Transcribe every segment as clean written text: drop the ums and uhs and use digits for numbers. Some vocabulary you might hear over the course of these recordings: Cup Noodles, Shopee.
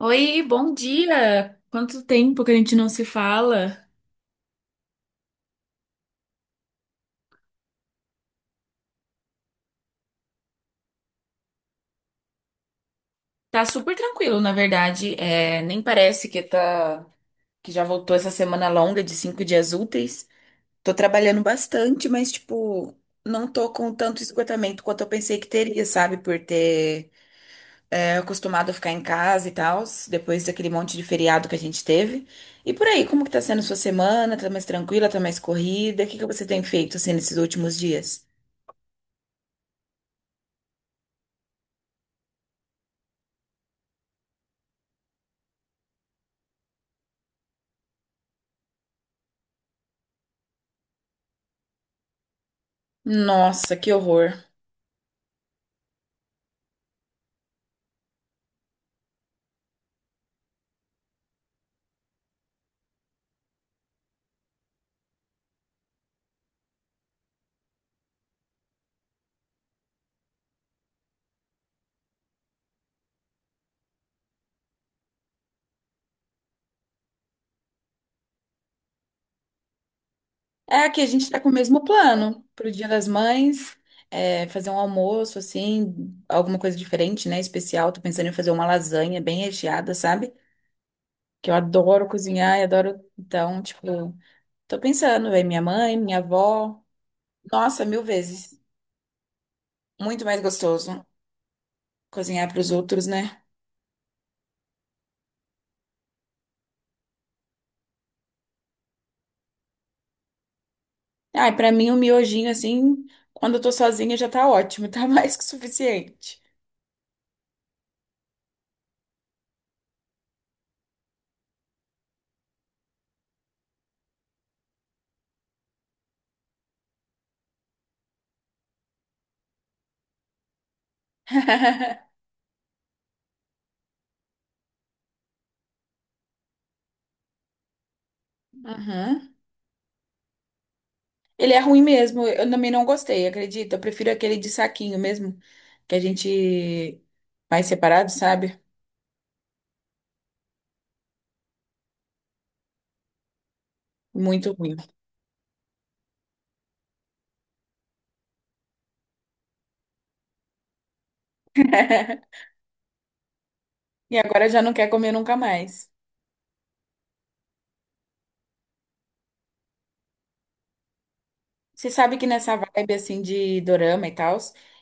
Oi, bom dia! Quanto tempo que a gente não se fala? Tá super tranquilo, na verdade. Nem parece que que já voltou essa semana longa de 5 dias úteis. Tô trabalhando bastante, mas tipo, não tô com tanto esgotamento quanto eu pensei que teria, sabe? Por ter acostumado a ficar em casa e tal, depois daquele monte de feriado que a gente teve. E por aí, como que tá sendo sua semana? Tá mais tranquila? Tá mais corrida? O que que você tem feito assim nesses últimos dias? Nossa, que horror! É que a gente tá com o mesmo plano pro Dia das Mães, fazer um almoço, assim, alguma coisa diferente, né? Especial. Tô pensando em fazer uma lasanha bem recheada, sabe? Que eu adoro cozinhar e adoro. Então, tipo, tô pensando, vai minha mãe, minha avó. Nossa, mil vezes. Muito mais gostoso cozinhar pros outros, né? Ah, e pra mim, um miojinho, assim, quando eu tô sozinha já tá ótimo, tá mais que suficiente. Uhum. Ele é ruim mesmo. Eu também não gostei, acredita? Eu prefiro aquele de saquinho mesmo, que a gente vai separado, sabe? Muito ruim. E agora já não quer comer nunca mais. Você sabe que nessa vibe assim de dorama e tal,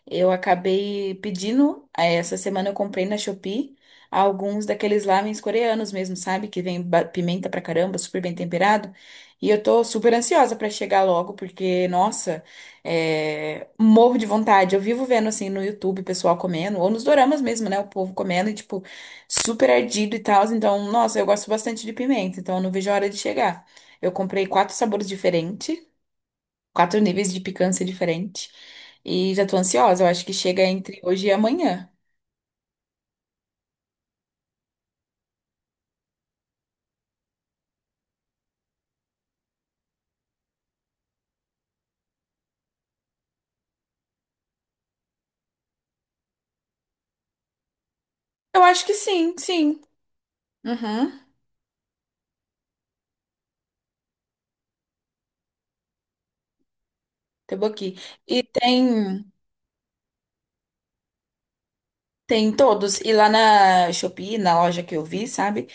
eu acabei pedindo, essa semana eu comprei na Shopee alguns daqueles lamens coreanos mesmo, sabe? Que vem pimenta pra caramba, super bem temperado. E eu tô super ansiosa pra chegar logo, porque, nossa, morro de vontade. Eu vivo vendo assim no YouTube o pessoal comendo, ou nos doramas mesmo, né? O povo comendo e, tipo, super ardido e tal. Então, nossa, eu gosto bastante de pimenta, então eu não vejo a hora de chegar. Eu comprei quatro sabores diferentes, quatro níveis de picância diferente. E já tô ansiosa. Eu acho que chega entre hoje e amanhã. Eu acho que sim, sim. Uhum. Temos aqui. E tem Tem todos. E lá na Shopee, na loja que eu vi, sabe?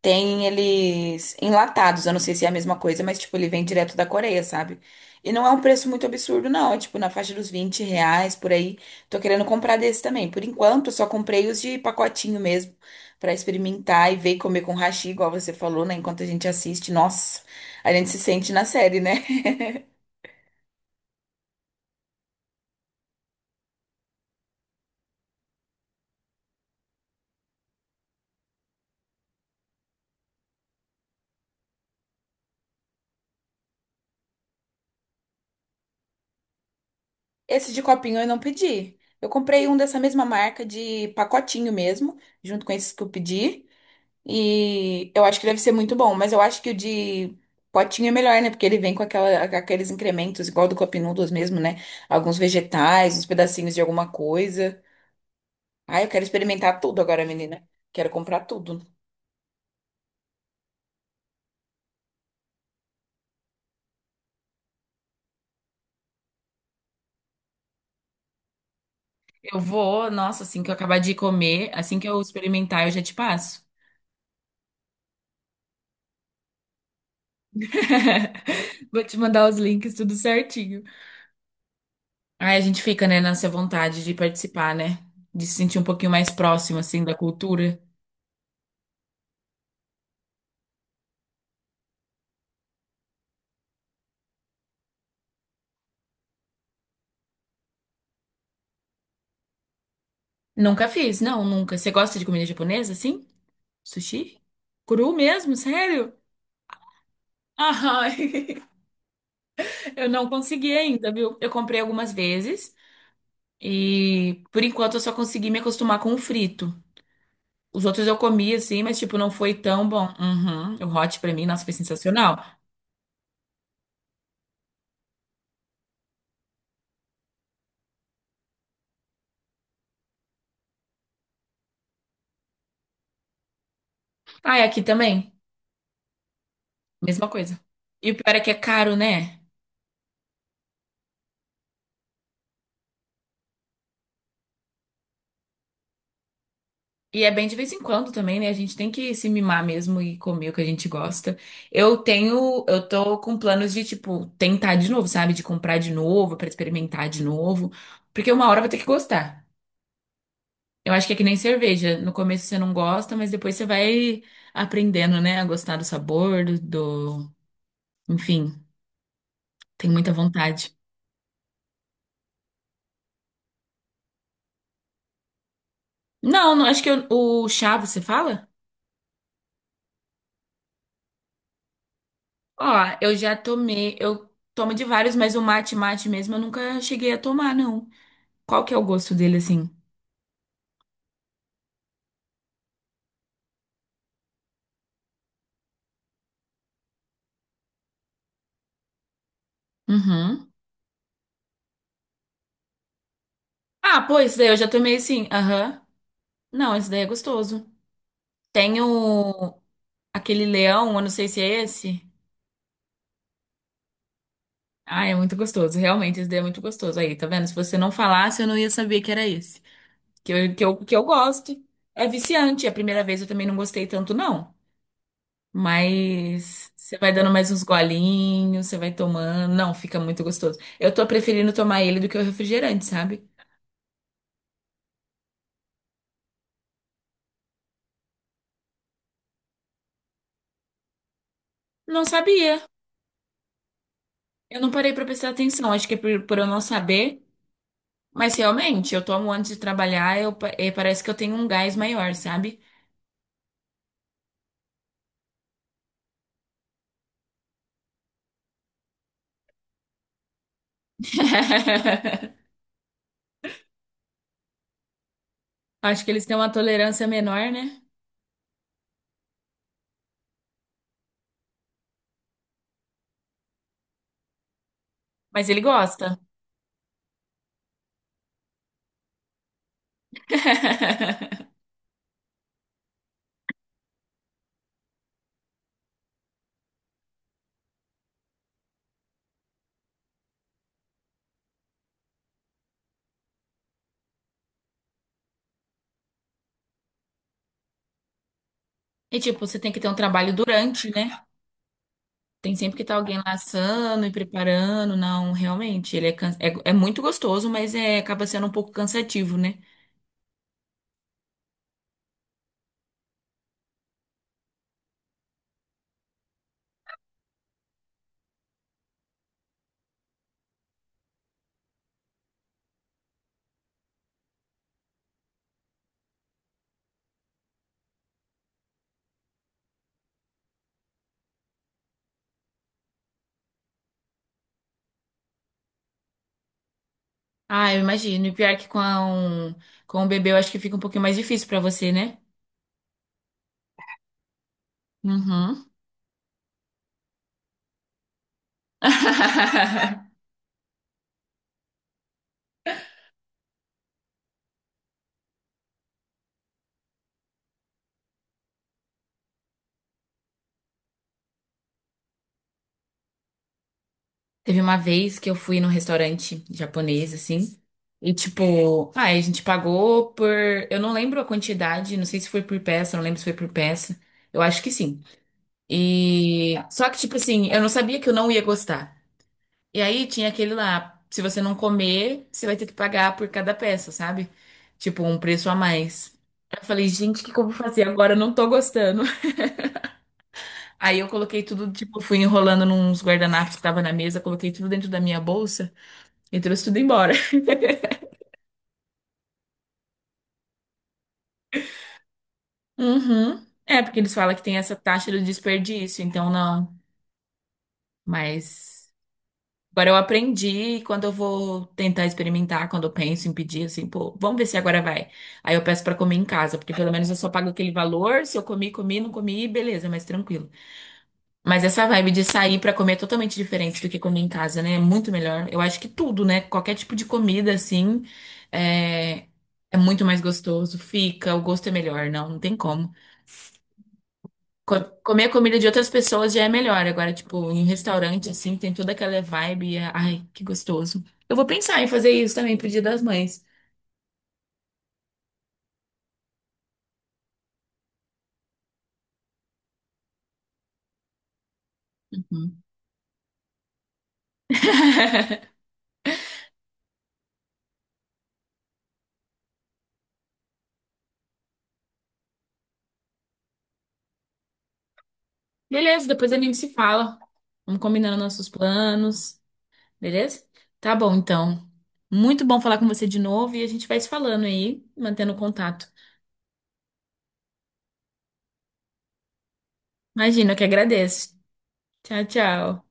Tem eles enlatados, eu não sei se é a mesma coisa, mas tipo, ele vem direto da Coreia, sabe? E não é um preço muito absurdo, não. É tipo na faixa dos R$ 20 por aí. Tô querendo comprar desse também. Por enquanto, eu só comprei os de pacotinho mesmo, pra experimentar e ver e comer com hashi, igual você falou, né? Enquanto a gente assiste, nossa, a gente se sente na série, né? Esse de copinho eu não pedi. Eu comprei um dessa mesma marca de pacotinho mesmo, junto com esses que eu pedi. E eu acho que deve ser muito bom, mas eu acho que o de potinho é melhor, né? Porque ele vem com aqueles incrementos, igual do Cup Noodles mesmo, né? Alguns vegetais, uns pedacinhos de alguma coisa. Ai, eu quero experimentar tudo agora, menina. Quero comprar tudo. Eu vou, nossa, assim que eu acabar de comer, assim que eu experimentar, eu já te passo. Vou te mandar os links, tudo certinho. Aí a gente fica, né, nessa vontade de participar, né? De se sentir um pouquinho mais próximo, assim, da cultura. Nunca fiz, não, nunca. Você gosta de comida japonesa, assim? Sushi? Cru mesmo? Sério? Ah, eu não consegui ainda, viu? Eu comprei algumas vezes e por enquanto eu só consegui me acostumar com o frito. Os outros eu comi assim, mas tipo, não foi tão bom. Uhum. O hot pra mim, nossa, foi sensacional. Ah, e aqui também, mesma coisa. E o pior é que é caro, né? E é bem de vez em quando também, né? A gente tem que se mimar mesmo e comer o que a gente gosta. Eu tenho, eu tô com planos de, tipo, tentar de novo, sabe? De comprar de novo, pra experimentar de novo. Porque uma hora vai ter que gostar. Eu acho que é que nem cerveja. No começo você não gosta, mas depois você vai aprendendo, né? A gostar do sabor, Enfim, tem muita vontade. Não, não, acho que o chá, você fala? Ó, eu já tomei, eu tomo de vários, mas o mate mate mesmo eu nunca cheguei a tomar, não. Qual que é o gosto dele, assim? Uhum. Ah, pô, esse daí eu já tomei, sim. Aham. Não, esse daí é gostoso. Tem o... aquele leão, eu não sei se é esse. Ah, é muito gostoso. Realmente, esse daí é muito gostoso. Aí, tá vendo? Se você não falasse, eu não ia saber que era esse. Que eu gosto. É viciante. A primeira vez eu também não gostei tanto, não. Mas você vai dando mais uns golinhos, você vai tomando. Não, fica muito gostoso. Eu tô preferindo tomar ele do que o refrigerante, sabe? Não sabia. Eu não parei pra prestar atenção, acho que é por eu não saber, mas realmente, eu tomo antes de trabalhar, parece que eu tenho um gás maior, sabe? Acho que eles têm uma tolerância menor, né? Mas ele gosta. E tipo, você tem que ter um trabalho durante, né? Tem sempre que estar alguém laçando e preparando. Não, realmente, ele é, é muito gostoso, mas é, acaba sendo um pouco cansativo, né? Ah, eu imagino. E pior que com o bebê, eu acho que fica um pouquinho mais difícil pra você, né? Uhum. Teve uma vez que eu fui num restaurante japonês, assim, e tipo, ah, a gente pagou por. Eu não lembro a quantidade, não sei se foi por peça, não lembro se foi por peça. Eu acho que sim. E. Só que, tipo assim, eu não sabia que eu não ia gostar. E aí tinha aquele lá, se você não comer, você vai ter que pagar por cada peça, sabe? Tipo, um preço a mais. Eu falei, gente, o que que eu vou fazer agora? Eu não tô gostando. Aí eu coloquei tudo, tipo, fui enrolando nos guardanapos que tava na mesa, coloquei tudo dentro da minha bolsa e trouxe tudo embora. Uhum. É, porque eles falam que tem essa taxa do desperdício, então não. Mas agora eu aprendi e quando eu vou tentar experimentar, quando eu penso em pedir, assim, pô, vamos ver se agora vai. Aí eu peço pra comer em casa, porque pelo menos eu só pago aquele valor, se eu comi, comi, não comi, beleza, mas tranquilo. Mas essa vibe de sair pra comer é totalmente diferente do que comer em casa, né? É muito melhor. Eu acho que tudo, né? Qualquer tipo de comida, assim, é, é muito mais gostoso. Fica, o gosto é melhor, não, não tem como. Comer a comida de outras pessoas já é melhor. Agora, tipo, em restaurante, assim, tem toda aquela vibe. Ai, que gostoso. Eu vou pensar em fazer isso também pro Dia das Mães. Uhum. Beleza, depois a gente se fala. Vamos combinando nossos planos. Beleza? Tá bom, então. Muito bom falar com você de novo e a gente vai se falando aí, mantendo contato. Imagina, eu que agradeço. Tchau, tchau.